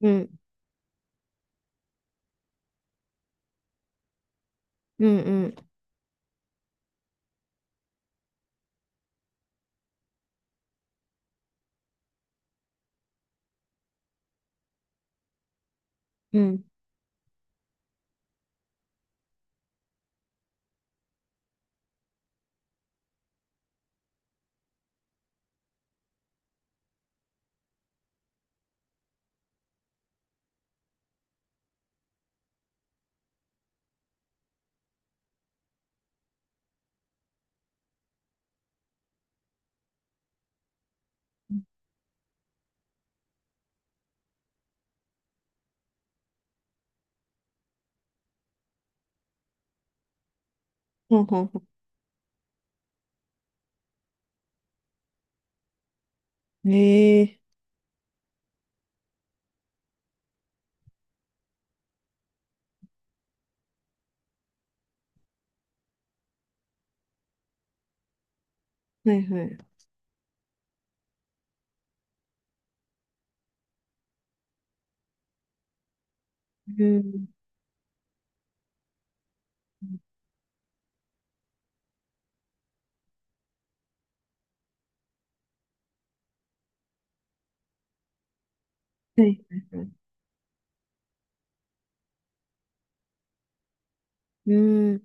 うん、うん、うん、うん。ほんほんほん。へえ。はいはい。うん。はいはいはい。うん、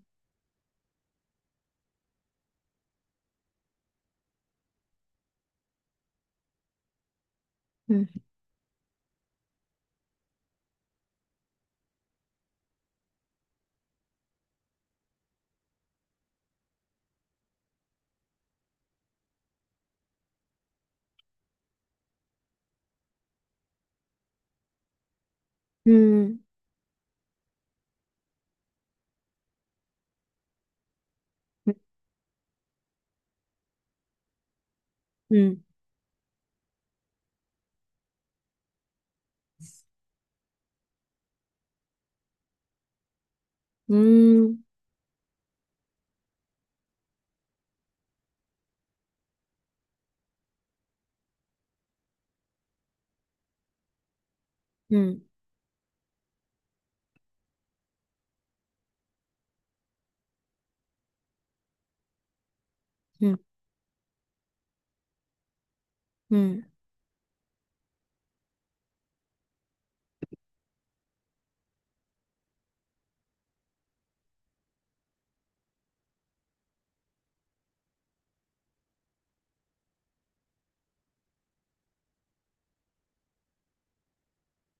うん、うん、うん、うん、うん、うん、うん、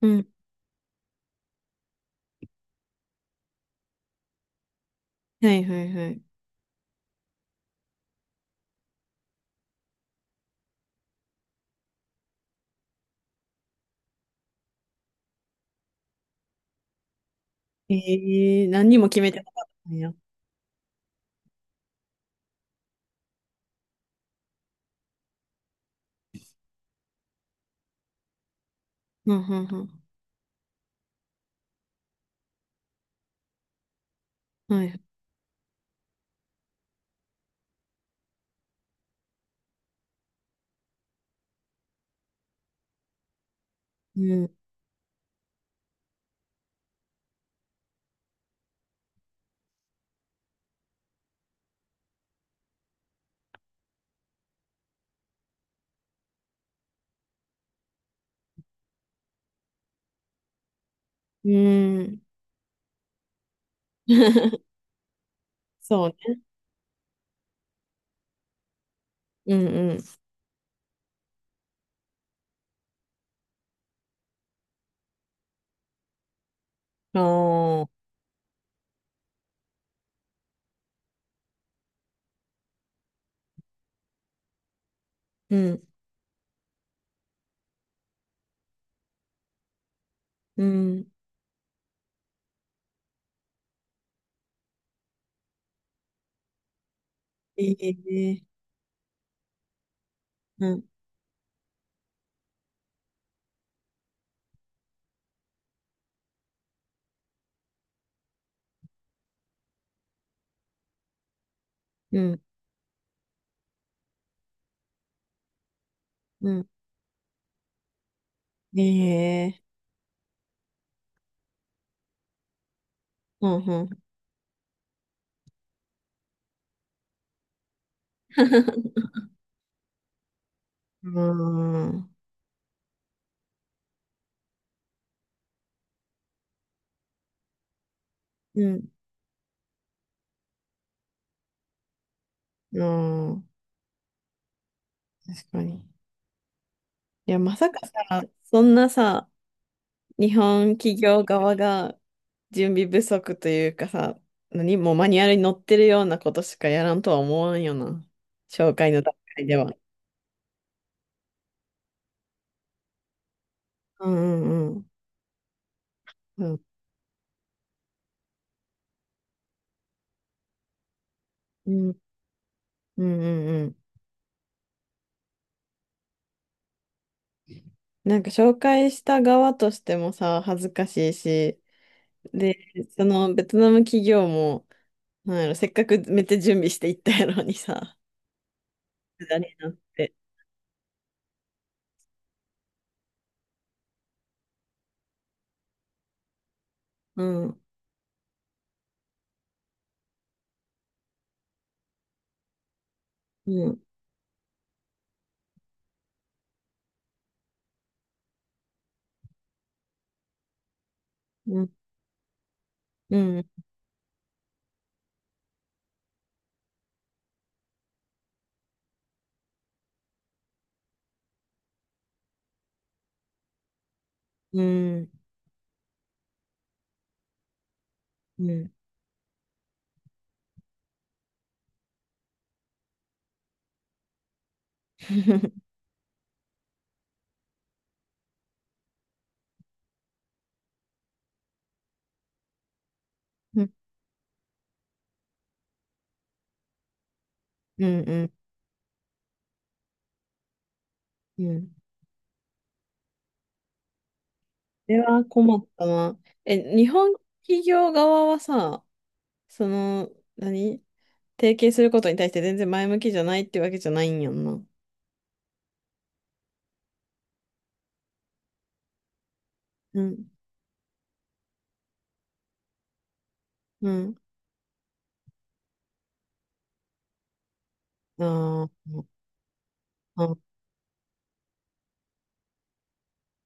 うん。はいはいはい。ええ、何にも決めてなかったんや。うん、うん、うん。はい。うん、うん。そうね。うん、うん。ああ、うん、うん。ええ、うん、うん、うん。ええ、うん、うん。うーん。うんうん。確かに。いや、まさかさ、そんなさ、日本企業側が準備不足というかさ、何もうマニュアルに載ってるようなことしかやらんとは思わんよな。紹介の段階では。うんうんうん。うんうんうんうん。なんか紹介した側としてもさ、恥ずかしいし、で、そのベトナム企業も、なんやろ、せっかくめっちゃ準備していったやろにさ、無駄になって。うんうんうんうんうん、うん。うん、うん、うん。それは困ったな。え、日本企業側はさ、その、何提携することに対して全然前向きじゃないってわけじゃないんやんな。うん、うん。あー。あ、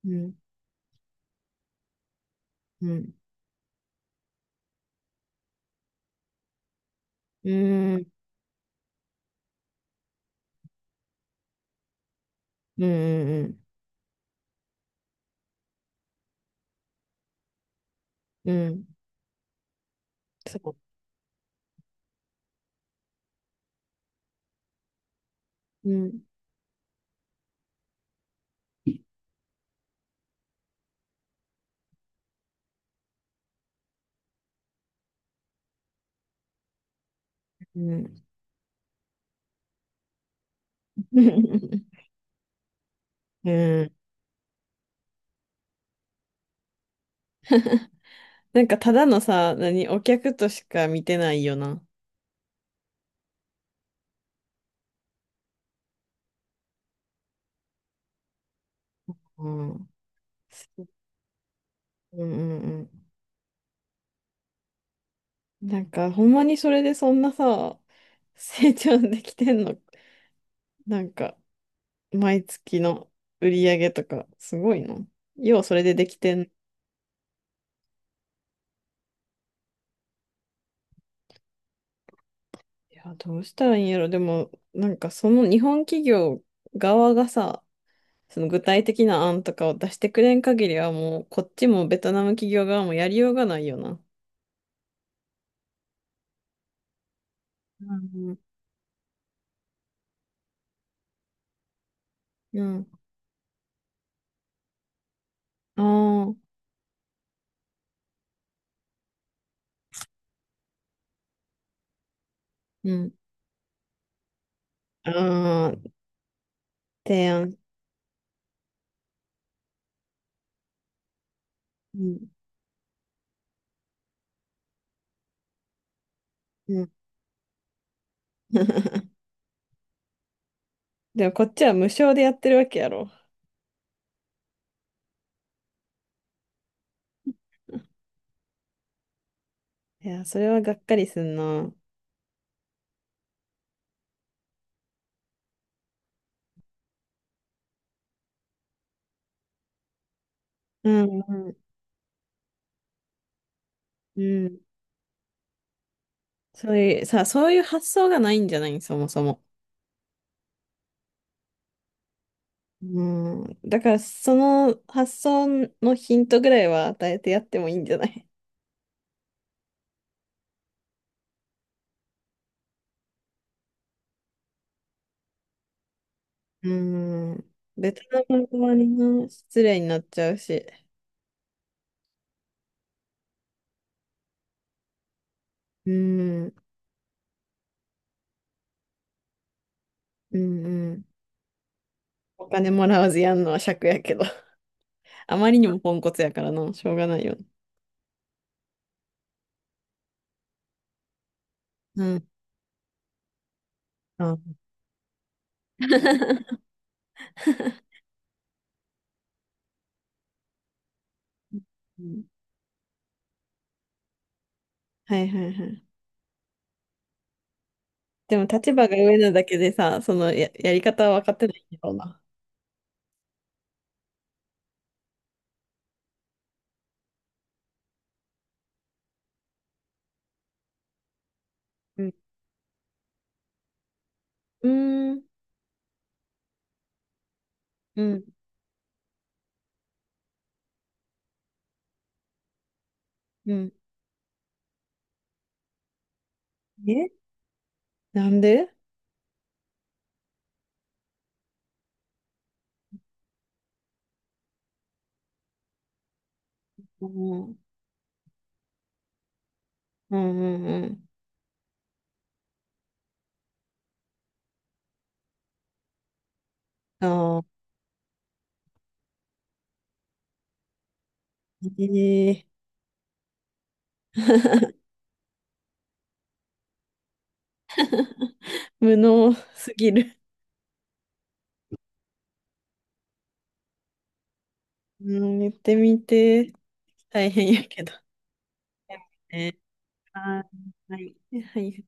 うん、うん、うん、うん、うん、うん。うん。そう。うん、うん。うん。なんかただのさ、何、お客としか見てないよな。うん。うんうん。なんか、ほんまにそれでそんなさ、成長できてんの、なんか、毎月の売り上げとか、すごいの。要はそれでできてん。いや、どうしたらいいんやろ。でも、なんかその日本企業側がさ、その具体的な案とかを出してくれん限りはもう、こっちもベトナム企業側もやりようがないよな。うんうん。うん。ああ。うん。ああ、提案。うん。うん。でもこっちは無償でやってるわけやろ。いや、それはがっかりすんな。うん、うん、うん。そういう、さ、そういう発想がないんじゃないそもそも。うん。だから、その発想のヒントぐらいは与えてやってもいいんじゃない。うん。ベトナム側にな失礼になっちゃうし。うん、うん、うん。お金もらわずやんのは癪やけど。あまりにもポンコツやからな、しょうがないよね。うん。あ。 うん。はいはいはい。でも立場が上なだけでさ、そのや、やり方は分かってないんだろうな。うん。うーん。うん。うん。え、なんで。うん。うんうんうん。ああ。ええ。 無能すぎる。うん、言ってみて。大変やけど。ね。はい。はい。はい。